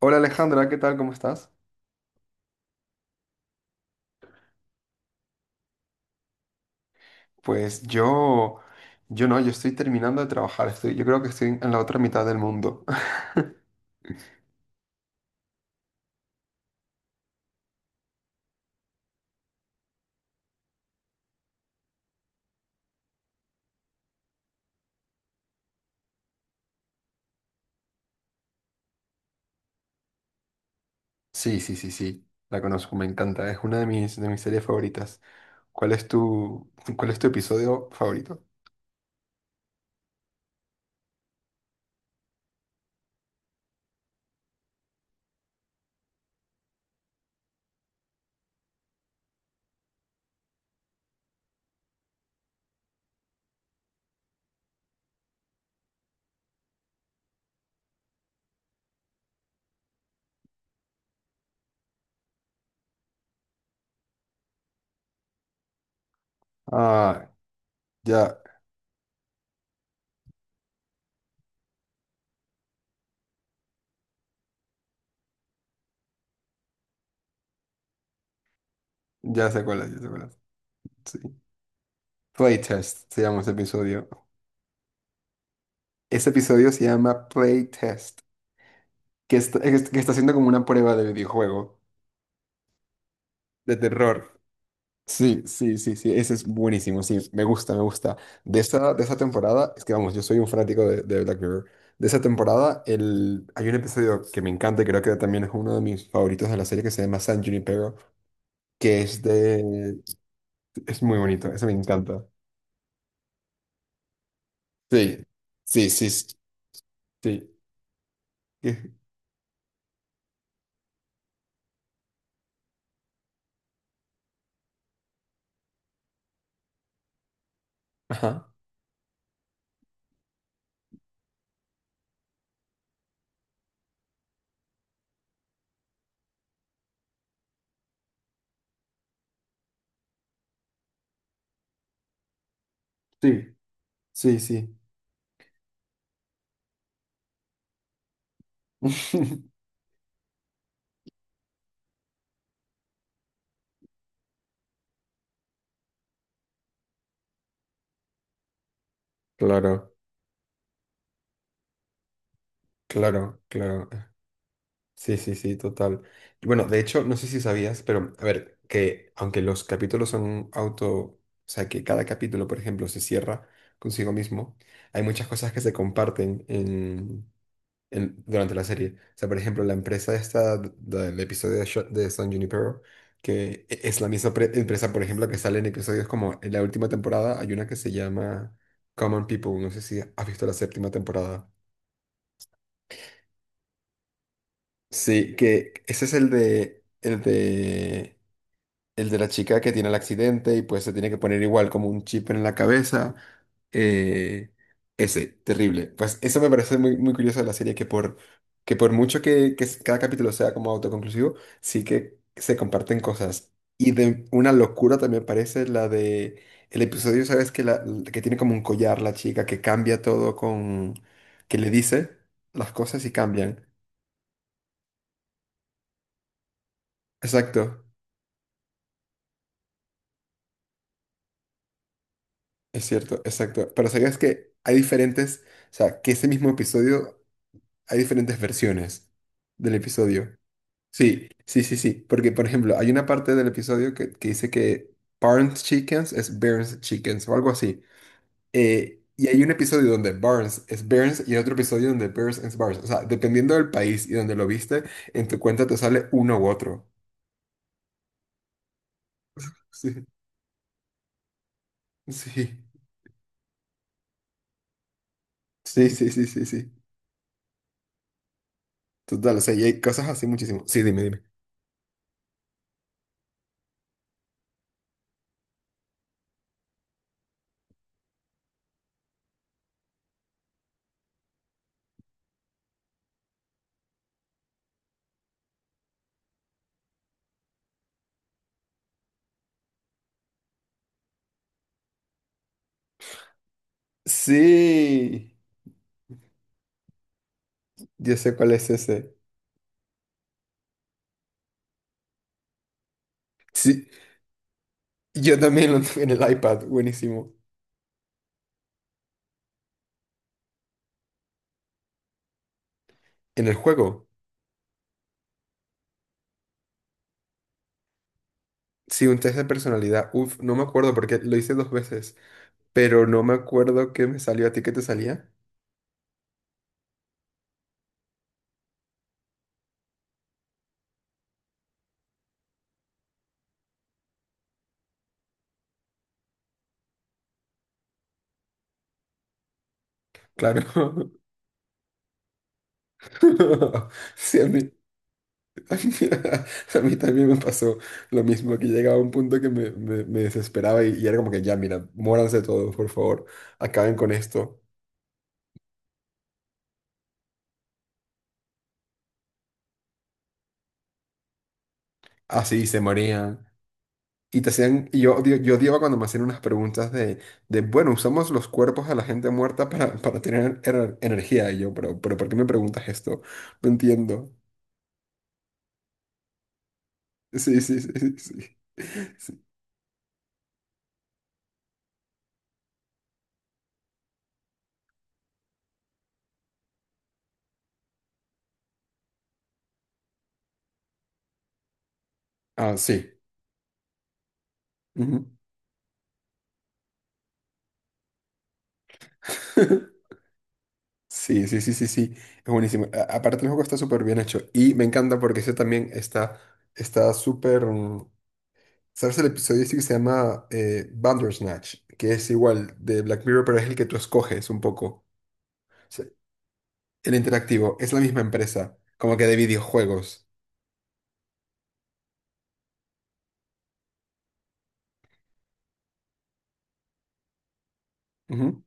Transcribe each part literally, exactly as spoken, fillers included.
Hola Alejandra, ¿qué tal? ¿Cómo estás? Pues yo, yo no, yo estoy terminando de trabajar, estoy, yo creo que estoy en la otra mitad del mundo. Sí, sí, sí, sí, la conozco, me encanta, es una de mis, de mis series favoritas. ¿Cuál es tu, ¿Cuál es tu episodio favorito? Ah, ya, ya sé cuál es, ya sé cuál es. Sí. Playtest se llama ese episodio. Ese episodio se llama Playtest, que está, es- que está haciendo como una prueba de videojuego. De terror. Sí, sí, sí, sí, ese es buenísimo, sí, me gusta, me gusta. De esa, de esa temporada, es que vamos, yo soy un fanático de, de Black Mirror. De esa temporada, el, hay un episodio que me encanta y creo que también es uno de mis favoritos de la serie que se llama San Junipero, que es de... Es muy bonito, ese me encanta. Sí, sí, sí, sí, sí. Ajá. Sí, sí, sí. Claro, claro, claro. Sí, sí, sí, total. Y bueno, de hecho, no sé si sabías, pero a ver, que aunque los capítulos son auto, o sea, que cada capítulo, por ejemplo, se cierra consigo mismo, hay muchas cosas que se comparten en, en- durante la serie. O sea, por ejemplo, la empresa esta d- del episodio de, Sho- de San Junipero, que e- es la misma pre- empresa, por ejemplo, que sale en episodios como en la última temporada, hay una que se llama Common People, no sé si has visto la séptima temporada. Sí, que ese es el de, el de, el de la chica que tiene el accidente y pues se tiene que poner igual como un chip en la cabeza. Eh, Ese, terrible. Pues eso me parece muy, muy curioso de la serie, que por, que por mucho que, que cada capítulo sea como autoconclusivo, sí que se comparten cosas. Y de una locura también parece la de el episodio, ¿sabes? Que, la, que tiene como un collar la chica, que cambia todo con... que le dice las cosas y cambian. Exacto. Es cierto, exacto. Pero sabías que hay diferentes, o sea, que ese mismo episodio hay diferentes versiones del episodio. Sí, sí, sí, sí. Porque, por ejemplo, hay una parte del episodio que, que dice que Barnes Chickens es Burns Chickens o algo así. Eh, y hay un episodio donde Barnes es Burns y hay otro episodio donde Burns es Barnes. O sea, dependiendo del país y donde lo viste, en tu cuenta te sale uno u otro. Sí, sí, sí, sí, sí, sí, sí. Total, o sea, y hay cosas así muchísimo. Sí, dime, dime. Sí. Yo sé cuál es ese. Sí, yo también lo tuve en el iPad, buenísimo. En el juego, sí, un test de personalidad. Uf, no me acuerdo porque lo hice dos veces, pero no me acuerdo qué me salió a ti, qué te salía. Claro. Sí, a mí, a mí, también me pasó lo mismo, que llegaba a un punto que me, me- me desesperaba y, y era como que ya, mira, muéranse todos, por favor, acaben con esto. Así se morían. Y te hacían, y yo, odio- yo odiaba cuando me hacían unas preguntas de, de, bueno, usamos los cuerpos de la gente muerta para, para tener ener- energía. Y yo, pero, pero ¿por qué me preguntas esto? No entiendo. Sí, sí, sí, sí, sí. Sí. Ah, sí. Ujú. Sí, sí, sí, sí, sí. Es buenísimo. A- aparte, el juego está súper bien hecho. Y me encanta porque ese también está, está súper. mm, ¿Sabes el episodio ese que se llama eh, Bandersnatch? Que es igual de Black Mirror, pero es el que tú escoges un poco. El interactivo es la misma empresa, como que de videojuegos. Ujú.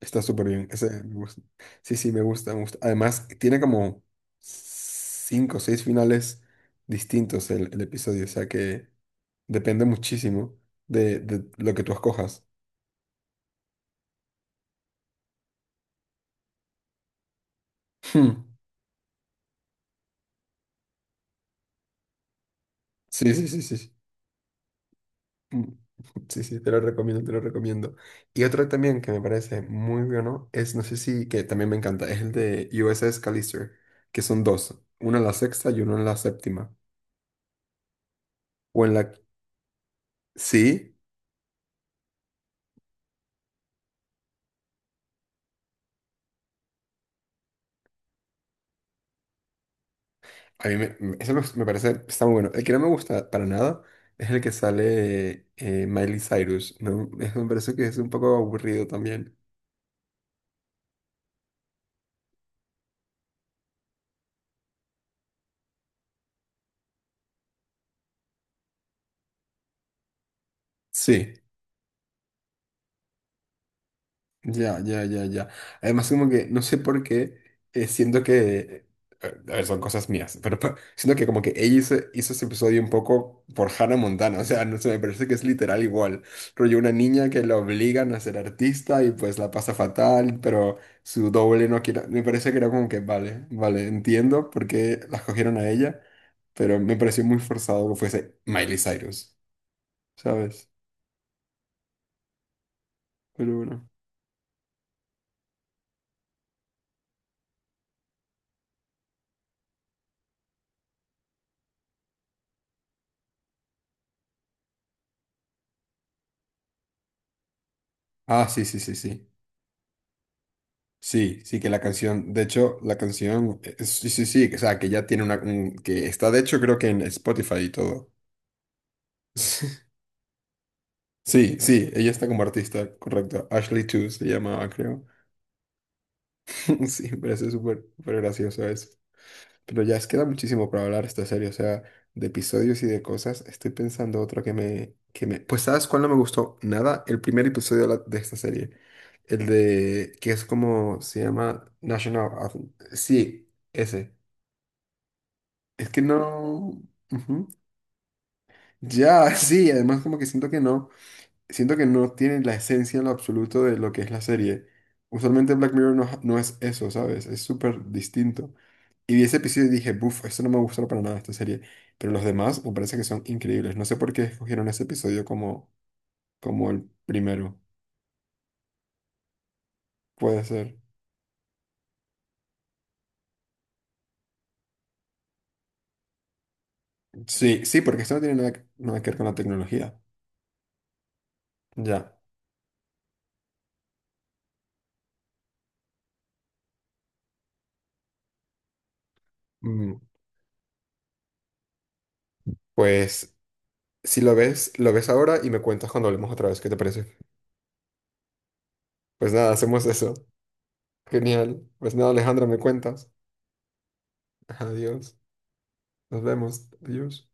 Está súper bien. Ese me gusta. Sí, sí, me gusta, me gusta. Además, tiene como cinco o seis finales distintos el, el episodio, o sea que depende muchísimo de, de lo que tú escojas. Hmm. Sí, sí, sí, sí, sí. Mm. Sí, sí, te lo recomiendo, te lo recomiendo. Y otro también que me parece muy bueno es, no sé si, que también me encanta, es el de U S S Callister, que son dos, uno en la sexta y uno en la séptima. O en la... Sí, a mí me, me- eso me, me parece, está muy bueno. El que no me gusta para nada es el que sale eh, Miley Cyrus, ¿no? Eso me parece que es un poco aburrido también. Sí. Ya, ya, ya, ya. Además, como que no sé por qué eh, siento que. A ver, son cosas mías, pero pa- siento que como que ella hizo, hizo ese episodio un poco por Hannah Montana, o sea, no sé, me parece que es literal igual. Rollo una niña que la obligan a ser artista y pues la pasa fatal, pero su doble no quiere. Me parece que era como que, vale, vale, entiendo por qué la escogieron a ella, pero me pareció muy forzado que fuese Miley Cyrus, ¿sabes? Pero bueno. Ah, sí, sí, sí, sí. Sí, sí, que la canción, de hecho, la canción, eh, sí, sí, sí, o sea, que ya tiene una, un- que está de hecho creo que en Spotify y todo. Sí, sí, ella está como artista, correcto. Ashley Two se llamaba, creo. Sí, me parece súper, súper gracioso eso. Pero ya es queda muchísimo para hablar esta serie, o sea, de episodios y de cosas. Estoy pensando otra que me, que me... Pues ¿sabes cuál no me gustó? Nada, el primer episodio de, la- de esta serie. El de, que es como, se llama National Anthem. Sí, ese. Es que no. Ujú. Ya, sí, además como que siento que no. Siento que no tiene la esencia en lo absoluto de lo que es la serie. Usualmente Black Mirror no, no es eso, ¿sabes? Es súper distinto. Y vi ese episodio y dije, buf, esto no me gustó para nada, esta serie. Pero los demás me parece que son increíbles. No sé por qué escogieron ese episodio como, como el primero. Puede ser. Sí, sí, porque esto no tiene nada, que- nada que ver con la tecnología. Ya. Mm, pues si lo ves, lo ves ahora y me cuentas cuando hablemos otra vez. ¿Qué te parece? Pues nada, hacemos eso. Genial. Pues nada, Alejandra, me cuentas. Adiós. Nos vemos. Adiós.